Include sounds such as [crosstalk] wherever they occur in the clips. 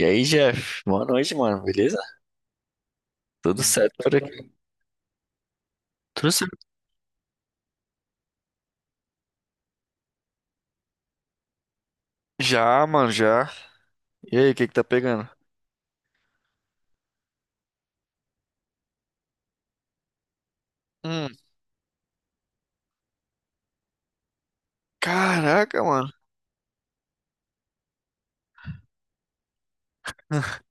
E aí, Jeff? Boa noite, mano. Beleza? Tudo certo por aqui? Tudo certo. Já, mano, já. E aí, o que que tá pegando? Hum, caraca, mano. [laughs]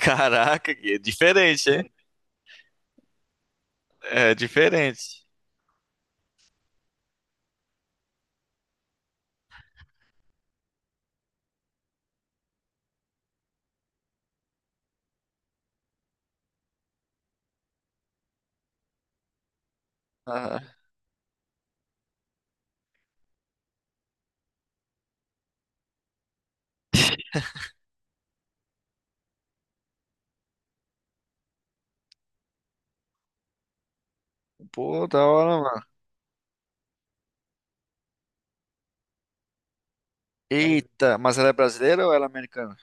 Caraca, que é diferente, hein? É diferente. Ah, pô, da hora, mano. Eita, mas ela é brasileira ou ela é americana?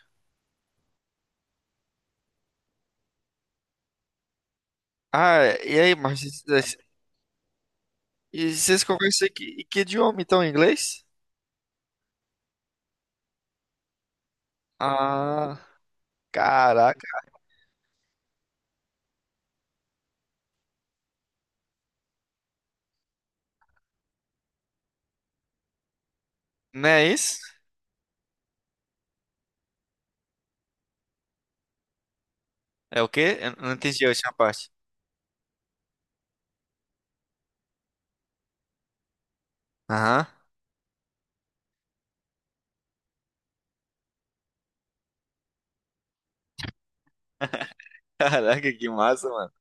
Ah, e aí, mas e vocês conversam em que idioma, então, em inglês? Ah, caraca. Não é isso? É o quê? Eu não entendi a última parte. Aham. [laughs] Caraca, que massa, mano.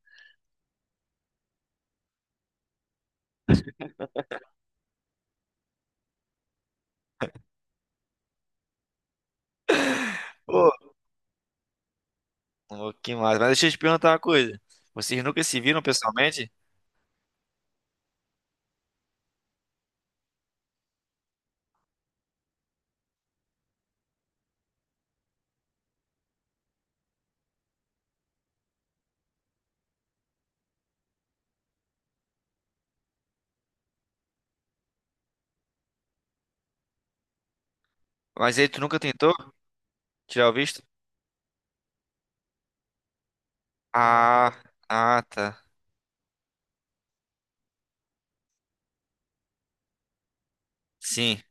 Pô, pô, que massa. Mas deixa eu te perguntar uma coisa. Vocês nunca se viram pessoalmente? Mas aí tu nunca tentou tirar o visto? Ah, ah, tá. Sim.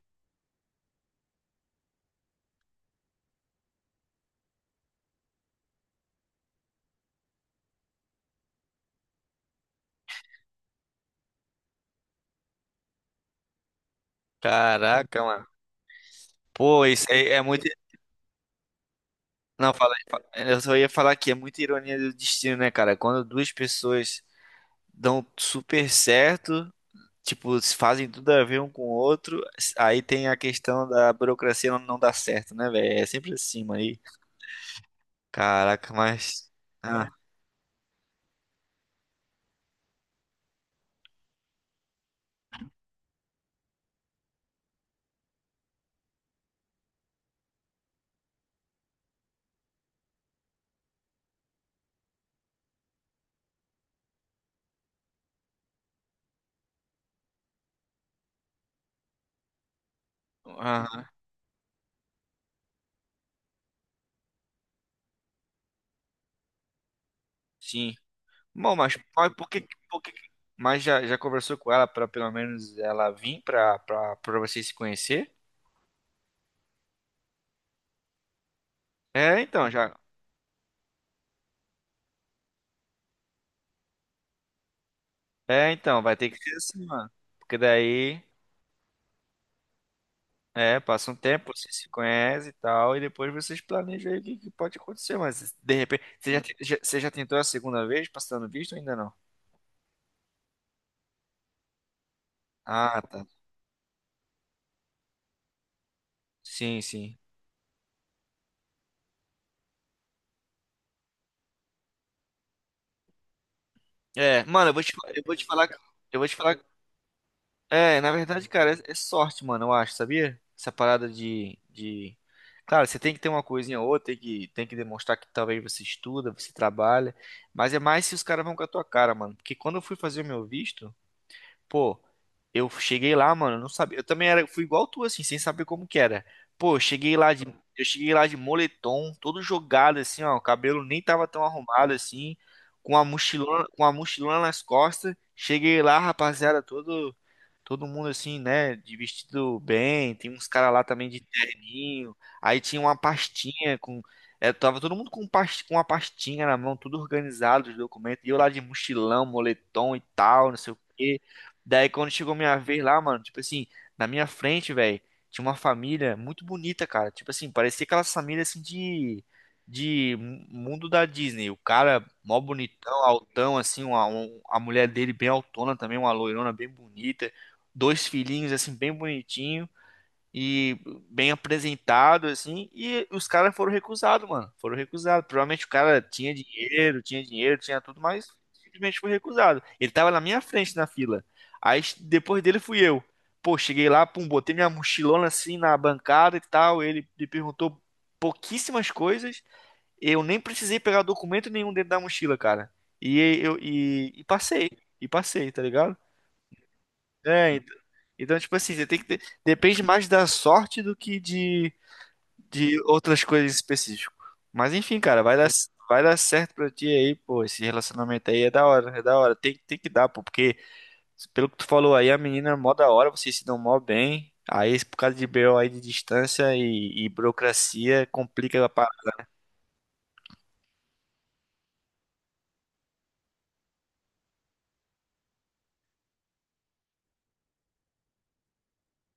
Caraca, mano. Pô, isso aí é muito. Não, eu só ia falar que é muita ironia do destino, né, cara? Quando duas pessoas dão super certo, tipo, se fazem tudo a ver um com o outro, aí tem a questão da burocracia não, não dar certo, né, velho? É sempre assim, mano. Caraca, mas. Ah, ah, sim. Bom, mas por que, mas já conversou com ela para pelo menos ela vir para vocês se conhecer? É, então, já. É, então, vai ter que ser assim, mano. Porque daí, é, passa um tempo, você se conhece e tal, e depois vocês planejam aí o que que pode acontecer, mas de repente, você já tentou a segunda vez passando visto ou ainda não? Ah, tá. Sim, sim. É, mano, eu vou te falar. É, na verdade, cara, é sorte, mano, eu acho, sabia? Essa parada claro, você tem que ter uma coisinha ou outra, tem que demonstrar que talvez você estuda, você trabalha, mas é mais se os caras vão com a tua cara, mano. Porque quando eu fui fazer o meu visto, pô, eu cheguei lá, mano, eu não sabia. Eu também era, fui igual tu, assim, sem saber como que era. Pô, eu cheguei lá de moletom, todo jogado, assim, ó. O cabelo nem tava tão arrumado, assim, com a mochilona nas costas. Cheguei lá, rapaziada, todo mundo, assim, né, de vestido bem. Tem uns caras lá também de terninho. Aí tinha uma pastinha com. É, tava todo mundo com uma pastinha na mão, tudo organizado, os documentos. E eu lá de mochilão, moletom e tal, não sei o quê. Daí quando chegou minha vez lá, mano, tipo assim, na minha frente, velho, tinha uma família muito bonita, cara. Tipo assim, parecia aquelas famílias assim de mundo da Disney. O cara mó bonitão, altão assim, a mulher dele bem altona também, uma loirona bem bonita, dois filhinhos assim bem bonitinho e bem apresentado, assim, e os caras foram recusados, mano. Foram recusados. Provavelmente o cara tinha dinheiro, tinha dinheiro, tinha tudo, mas simplesmente foi recusado. Ele tava na minha frente na fila. Aí depois dele fui eu. Pô, cheguei lá, pum, botei minha mochilona assim na bancada e tal. Ele me perguntou pouquíssimas coisas. Eu nem precisei pegar documento nenhum dentro da mochila, cara. E eu passei, tá ligado? É, ent- então, tipo assim, você tem que ter. Depende mais da sorte do que de outras coisas específicas. Mas enfim, cara, vai dar certo pra ti aí, pô. Esse relacionamento aí é da hora, é da hora. Tem que dar, pô, porque pelo que tu falou aí, a menina é mó da hora, vocês se dão mó bem. Aí, por causa de BO aí de distância e burocracia, complica a parada.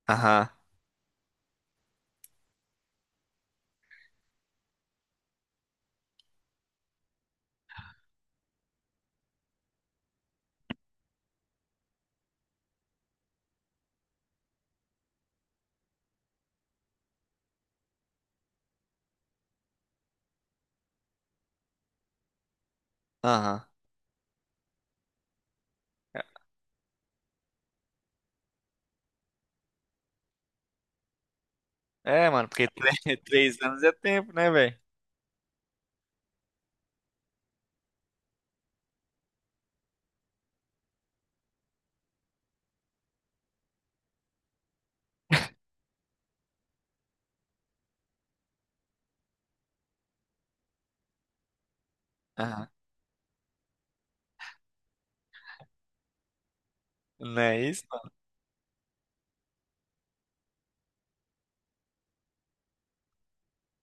Aham, aham. É, mano, porque tre- [laughs] 3 anos é tempo, né, velho? Aham. Não é isso, mano?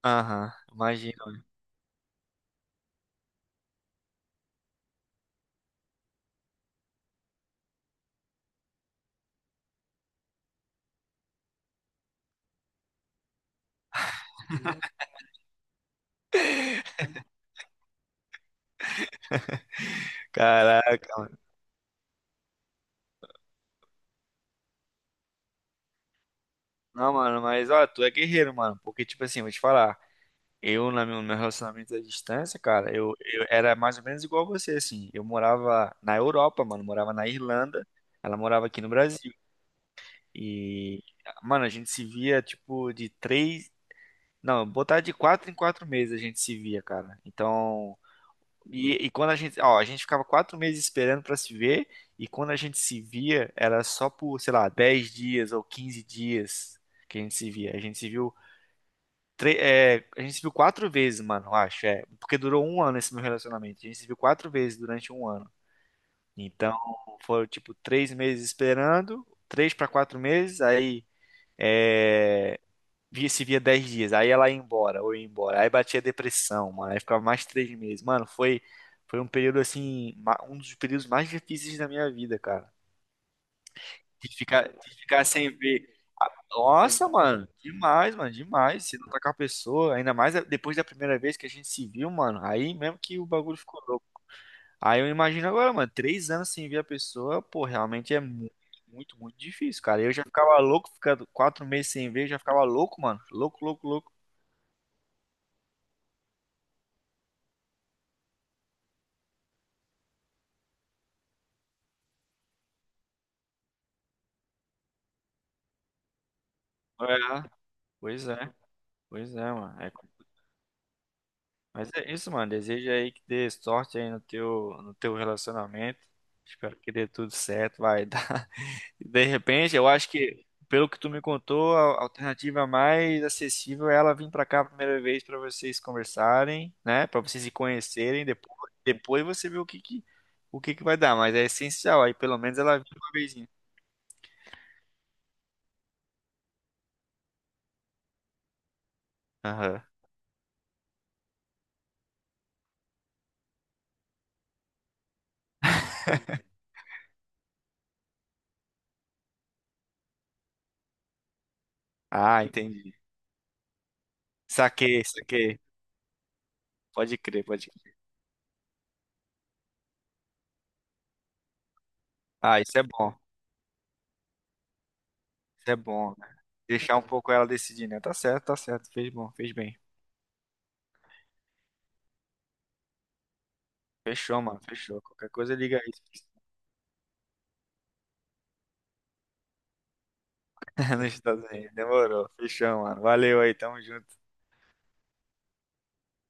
Aham, imagina. Caraca. Não, mano, mas ó, tu é guerreiro, mano. Porque, tipo assim, vou te falar. Eu, meu relacionamento à distância, cara, eu era mais ou menos igual você, assim. Eu morava na Europa, mano. Morava na Irlanda. Ela morava aqui no Brasil. E, mano, a gente se via, tipo, de três. Não, botar de quatro em quatro meses a gente se via, cara. Então. E quando a gente. Ó, a gente ficava 4 meses esperando pra se ver. E quando a gente se via, era só por, sei lá, 10 dias ou 15 dias que a gente se via. A gente se viu. A gente se viu quatro vezes, mano, eu acho. É, porque durou um ano esse meu relacionamento. A gente se viu quatro vezes durante um ano. Então, foram tipo 3 meses esperando, 3 para 4 meses, aí é, via se via 10 dias, aí ela ia embora, ou ia embora. Aí batia depressão, mano. Aí ficava mais 3 meses. Mano, foi um período assim, um dos períodos mais difíceis da minha vida, cara. De ficar sem ver. Nossa, mano, demais, mano, demais. Se não tá com a pessoa, ainda mais depois da primeira vez que a gente se viu, mano, aí mesmo que o bagulho ficou louco. Aí eu imagino agora, mano, 3 anos sem ver a pessoa, pô, realmente é muito, muito, muito difícil, cara. Eu já ficava louco, ficando 4 meses sem ver, eu já ficava louco, mano. Louco, louco, louco. É, pois é, pois é, mano. É, mas é isso, mano. Desejo aí que dê sorte aí no teu relacionamento. Espero que dê tudo certo, vai. E de repente, eu acho que, pelo que tu me contou, a alternativa mais acessível é ela vir pra cá a primeira vez pra vocês conversarem, né? Pra vocês se conhecerem depois, você vê o que que vai dar, mas é essencial, aí pelo menos ela vir uma vezinha. Aham. Ah, entendi. Saquei, saquei. Pode crer, pode crer. Ah, isso é bom. Isso é bom, né? Deixar um pouco ela decidir, né? Tá certo, tá certo. Fez bom, fez bem. Fechou, mano. Fechou. Qualquer coisa liga aí. [laughs] Nos Estados Unidos. Demorou. Fechou, mano. Valeu aí. Tamo junto.